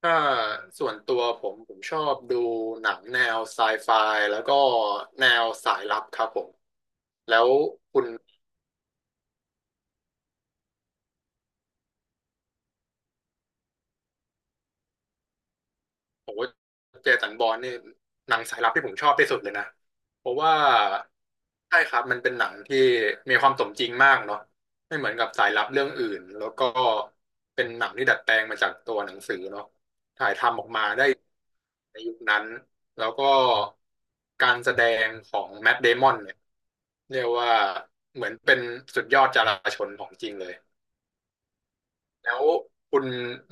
ถ้าส่วนตัวผมชอบดูหนังแนวไซไฟแล้วก็แนวสายลับครับผมแล้วคุณโอ้เจสันบอร์นนี่หนังสายลับที่ผมชอบที่สุดเลยนะเพราะว่าใช่ครับมันเป็นหนังที่มีความสมจริงมากเนาะไม่เหมือนกับสายลับเรื่องอื่นแล้วก็เป็นหนังที่ดัดแปลงมาจากตัวหนังสือเนาะถ่ายทำออกมาได้ ในยุคนั้นแล้วก็การแสดงของแมทเดมอนเนี่ยเรียกว่าเหมือนเป็นสุดยอดจราชนของจริงเลยแล้วคุณ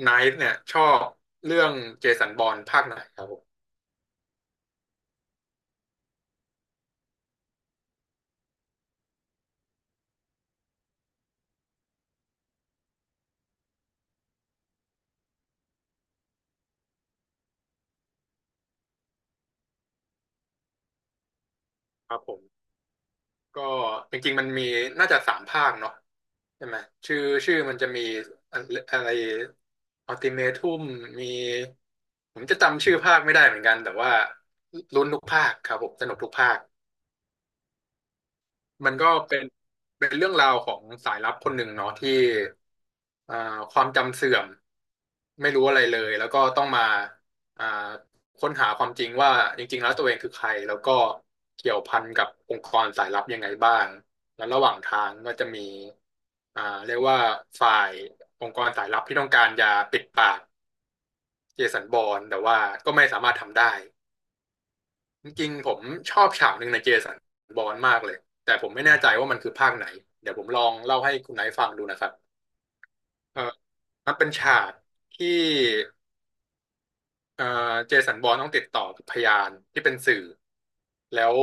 ไนท์เนี่ยชอบเรื่องเจสันบอร์นภาคไหนครับผมครับผมก็จริงๆมันมีน่าจะสามภาคเนาะใช่ไหมชื่อชื่อมันจะมีอะอะไรอัลติเมทุมมีผมจะจำชื่อภาคไม่ได้เหมือนกันแต่ว่าลุ้นทุกภาคครับผมสนุกทุกภาค มันก็เป็นเรื่องราวของสายลับคนหนึ่งเนาะที่อ่าความจำเสื่อมไม่รู้อะไรเลยแล้วก็ต้องมาอ่าค้นหาความจริงว่าจริงๆแล้วตัวเองคือใครแล้วก็เกี่ยวพันกับองค์กรสายลับยังไงบ้างแล้วระหว่างทางก็จะมีเรียกว่าฝ่ายองค์กรสายลับที่ต้องการจะปิดปากเจสันบอร์นแต่ว่าก็ไม่สามารถทำได้ จริงๆผมชอบฉากหนึ่งในเจสันบอนมากเลยแต่ผมไม่แน่ใจว่ามันคือภาคไหนเดี๋ยวผมลองเล่าให้คุณไหนท์ฟังดูนะครับเออมันเป็นฉากที่เออเจสันบอร์นต้องติดต่อกับพยานที่เป็นสื่อแล้ว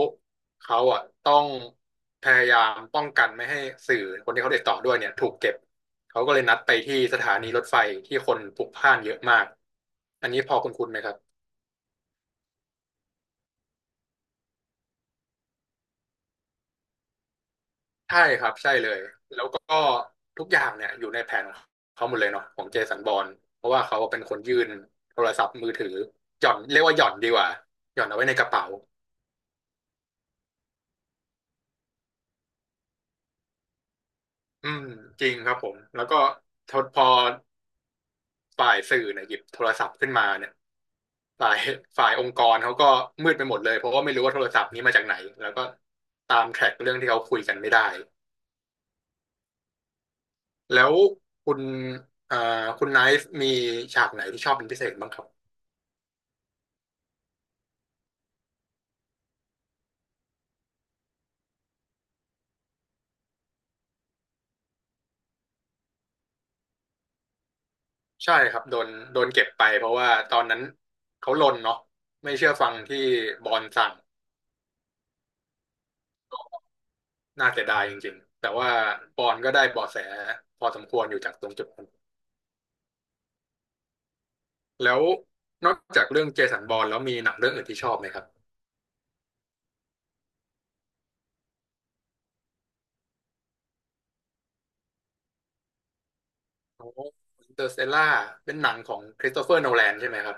เขาอ่ะต้องพยายามป้องกันไม่ให้สื่อคนที่เขาติดต่อด้วยเนี่ยถูกเก็บเขาก็เลยนัดไปที่สถานีรถไฟที่คนพลุกพล่านเยอะมากอันนี้พอคุณไหมครับ ใช่ครับใช่เลยแล้วก็ทุกอย่างเนี่ยอยู่ในแผนของเขาหมดเลยเนาะของเจสันบอรนเพราะว่าเขาเป็นคนยื่นโทรศัพท์มือถือหย่อนเรียกว่าหย่อนดีกว่าหย่อนเอาไว้ในกระเป๋าอืมจริงครับผมแล้วก็ทดพอฝ่ายสื่อเนี่ยหยิบโทรศัพท์ขึ้นมาเนี่ยฝ่ายฝ่ายองค์กรเขาก็มืดไปหมดเลยเพราะว่าไม่รู้ว่าโทรศัพท์นี้มาจากไหนแล้วก็ตามแทร็กเรื่องที่เขาคุยกันไม่ได้แล้วคุณเอ่อคุณไนฟ์มีฉากไหนที่ชอบเป็นพิเศษบ้างครับ ใช่ครับโดนเก็บไปเพราะว่าตอนนั้นเขาลนเนาะไม่เชื่อฟังที่บอลสั่งน่าเสียดายจริงๆแต่ว่าบอลก็ได้เบาะแสพอสมควรอยู่จากตรงจุดนั้นแล้วนอกจากเรื่องเจสันบอลแล้วมีหนังเรื่องอื่นที่ชอบไหมครับโอ้อินเตอร์สเตลล่าเป็นหนังของคริสโตเฟอร์โนแลนใช่ไหมครับ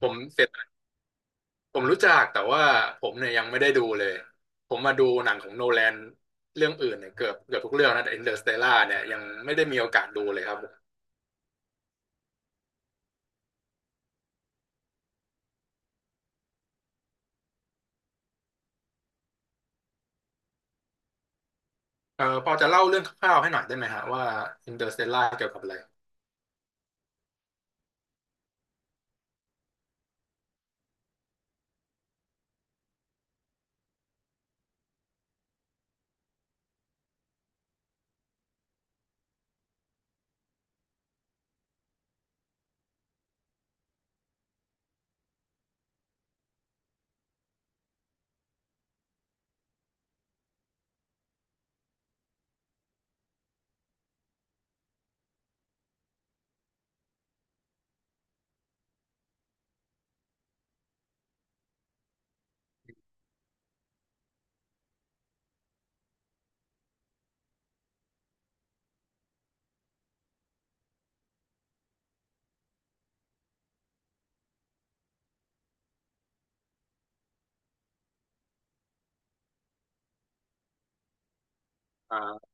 ผมเสร็จผมรู้จักแต่ว่าผมเนี่ยยังไม่ได้ดูเลยผมมาดูหนังของโนแลนเรื่องอื่นเนี่ยเกือบทุกเรื่องนะแต่อินเตอร์สเตลล่าเนี่ยยังไม่ได้มีโอกาสดูเลยครับ พอจะเล่าเรื่องคร่าวๆให้หน่อยได้ไหมฮะว่าอินเตอร์สเตลล่าเกี่ยวกับอะไรอ่า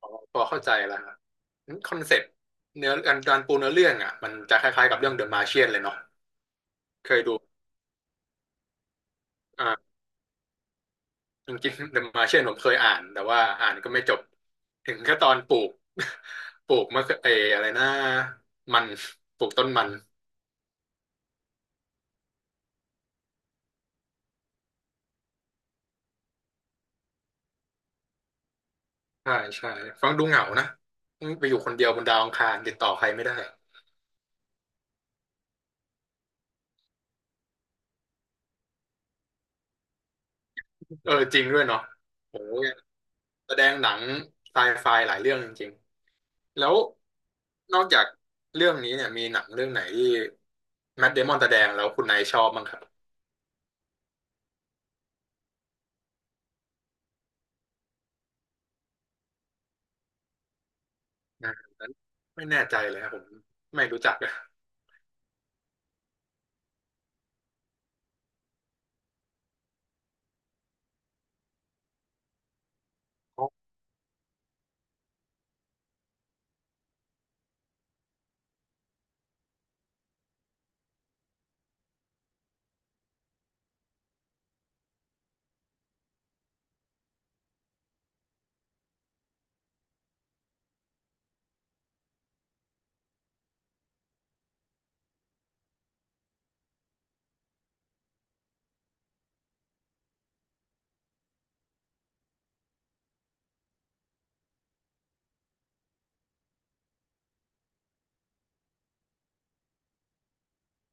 พอเข้าใจแล้วครับคอนเซ็ปต์เนื้อการปูเนื้อเรื่องอ่ะมันจะคล้ายๆกับเรื่องเดอะมา t i เชียนเลยเนาะเคยดูอ่าจริงๆเดอะมาร์เชียนผมเคยอ่านแต่ว่าอ่านก็ไม่จบถึงแค่ตอนปลูก ปลูกมะเขือเอออะไรนะมันปลูกต้นมันใช่ใช่ฟังดูเหงานะไปอยู่คนเดียวบนดาวอังคารติดต่อใครไม่ได้เออจริงด้วยเนาะโอ้แสดงหนังไซไฟหลายเรื่องจริง แล้วนอกจากเรื่องนี้เนี่ยมีหนังเรื่องไหนที่แมทเดมอนแสดงแล้วคุณนายชอบบ้างครับอ่านั้นไม่แน่ใจเลยครับผมไม่รู้จักอะอ๋อ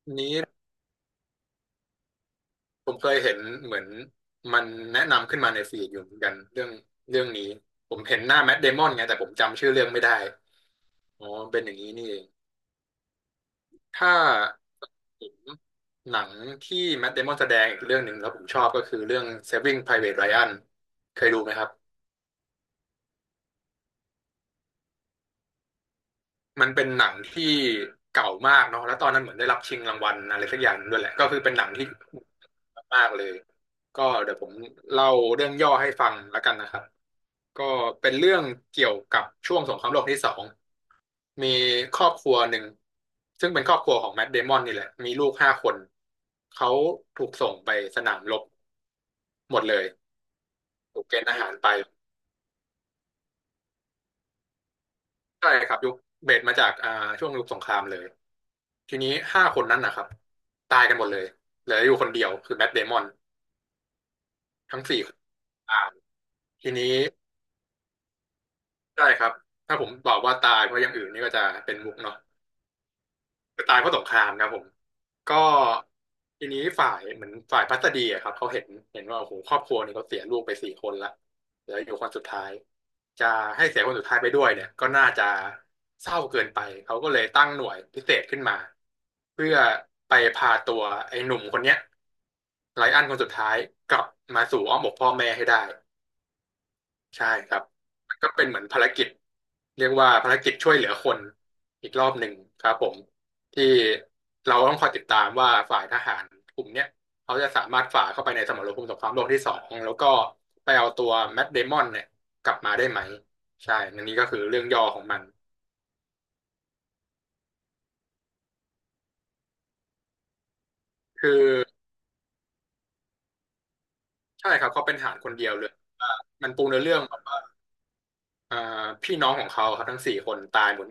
อันนี้ผมเคยเห็นเหมือนมันแนะนำขึ้นมาในฟีดอยู่เหมือนกันเรื่องนี้ผมเห็นหน้าแมทเดมอนไงแต่ผมจำชื่อเรื่องไม่ได้อ๋อเป็นอย่างนี้นี่เองถ้าผมหนังที่แมทเดมอนแสดงอีกเรื่องหนึ่งแล้วผมชอบก็คือเรื่อง Saving Private Ryan เคยดูไหมครับ มันเป็นหนังที่เก่ามากเนาะแล้วตอนนั้นเหมือนได้รับชิงรางวัลอะไรสักอย่างด้วยแหละก็คือเป็นหนังที่มากๆเลยก็เดี๋ยวผมเล่าเรื่องย่อให้ฟังแล้วกันนะครับก็เป็นเรื่องเกี่ยวกับช่วงสงครามโลกที่สองมีครอบครัวหนึ่งซึ่งเป็นครอบครัวของแมทเดมอนนี่แหละมีลูกห้าคนเขาถูกส่งไปสนามรบหมดเลยถูกเกณฑ์ทหารไปใช่ครับยุคเบสมาจากช่วงยุคสงครามเลย ทีนี้5 คนนั้นนะครับตายกันหมดเลยเหลืออยู่คนเดียวคือแมทเดมอนทั้งสี่คนตายทีนี้ใช่ครับถ้าผมบอกว่าตายเพราะอย่างอื่นนี่ก็จะเป็นมุกเนาะก็ตายเพราะสงครามครับผมก็ทีนี้ฝ่ายเหมือนฝ่ายพัสดีอะครับเขาเห็นว่าโอ้โหครอบครัวนี่เขาเสียลูกไป4 คนละเหลืออยู่คนสุดท้ายจะให้เสียคนสุดท้ายไปด้วยเนี่ยก็น่าจะเศร้าเกินไปเขาก็เลยตั้งหน่วยพิเศษขึ้นมาเพื่อไปพาตัวไอ้หนุ่มคนเนี้ย ไรอันคนสุดท้ายกลับมาสู่อ้อมอกพ่อแม่ให้ได้ใช่ครับมันก็เป็นเหมือนภารกิจเรียกว่าภารกิจช่วยเหลือคนอีกรอบหนึ่งครับผมที่เราต้องคอยติดตามว่าฝ่ายทหารกลุ่มเนี้ยเขาจะสามารถฝ่าเข้าไปในสมรภูมิสงครามโลกที่สองแล้วก็ไปเอาตัวแมทเดมอนเนี่ยกลับมาได้ไหมใช่อันนี้ก็คือเรื่องย่อของมันคือใช่ครับเขาเป็นทหารคนเดียวเลยว่ามันปูเนื้อเรื่อง อ่าพี่น้องของเขาครับทั้ง4 คนตายหมด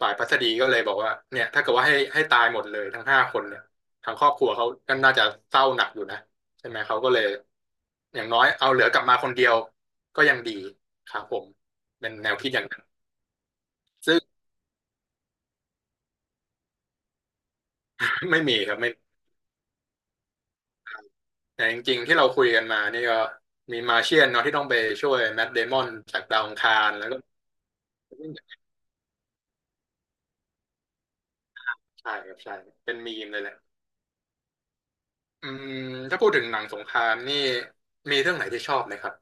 ฝ่ายพัสดีก็เลยบอกว่าเนี่ยถ้าเกิดว่าให้ตายหมดเลยทั้งห้าคนเนี่ยทางครอบครัวเขาก็น่าจะเศร้าหนักอยู่นะใช่ไหมเขาก็เลยอย่างน้อยเอาเหลือกลับมาคนเดียวก็ยังดีครับผมเป็นแนวคิดอย่างนั้นซึ่ง ไม่มีครับไม่แต่จริงๆที่เราคุยกันมานี่ก็มีมาเชียนเนาะที่ต้องไปช่วยแมทเดมอนจากดาวอังคารแล้วก็ใช่ครับใช่เป็นมีมเลยแหละอืมถ้าพูดถึงหนังสงครามนี่มีเรื่องไหนที่ชอบไหมครับ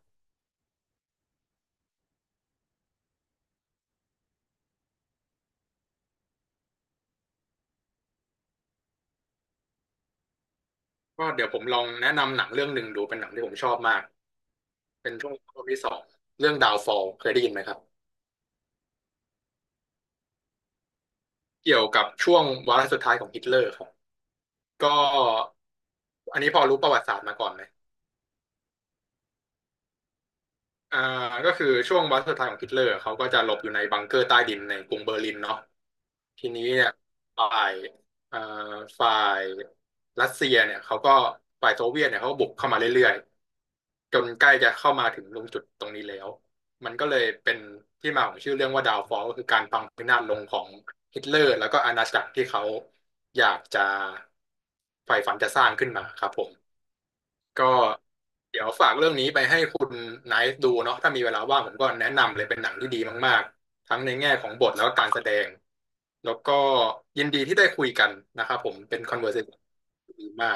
ก็เดี๋ยวผมลองแนะนำหนังเรื่องหนึ่งดูเป็นหนังที่ผมชอบมากเป็นช่วงรอบงที่สองเรื่องดาวฟอลเคยได้ยินไหมครับเกี่ยวกับช่วงวาระสุดท้ายของฮิตเลอร์ครับก็อันนี้พอรู้ประวัติศาสตร์มาก่อนไหมอ่าก็คือช่วงวาระสุดท้ายของฮิตเลอร์เขาก็จะหลบอยู่ในบังเกอร์ใต้ดินในกรุงเบอร์ลินเนาะ ทีนี้เนี่ยฝ่ายเอ่อฝ่ายรัสเซียเนี่ยเขาก็ฝ่ายโซเวียตเนี่ยเขาก็บุกเข้ามาเรื่อยๆจนใกล้จะเข้ามาถึงตรงจุดตรงนี้แล้วมันก็เลยเป็นที่มาของชื่อเรื่องว่าดาวฟอลก็คือการพังพินาศลงของฮิตเลอร์แล้วก็อาณาจักรที่เขาอยากจะใฝ่ฝันจะสร้างขึ้นมาครับผม ก็เดี๋ยวฝากเรื่องนี้ไปให้คุณไนท์ดูเนาะถ้ามีเวลาว่างผมก็แนะนำเลยเป็นหนังที่ดีมากๆทั้งในแง่ของบทแล้วก็การแสดงแล้วก็ยินดีที่ได้คุยกันนะครับผมเป็น conversation ที่ดีมาก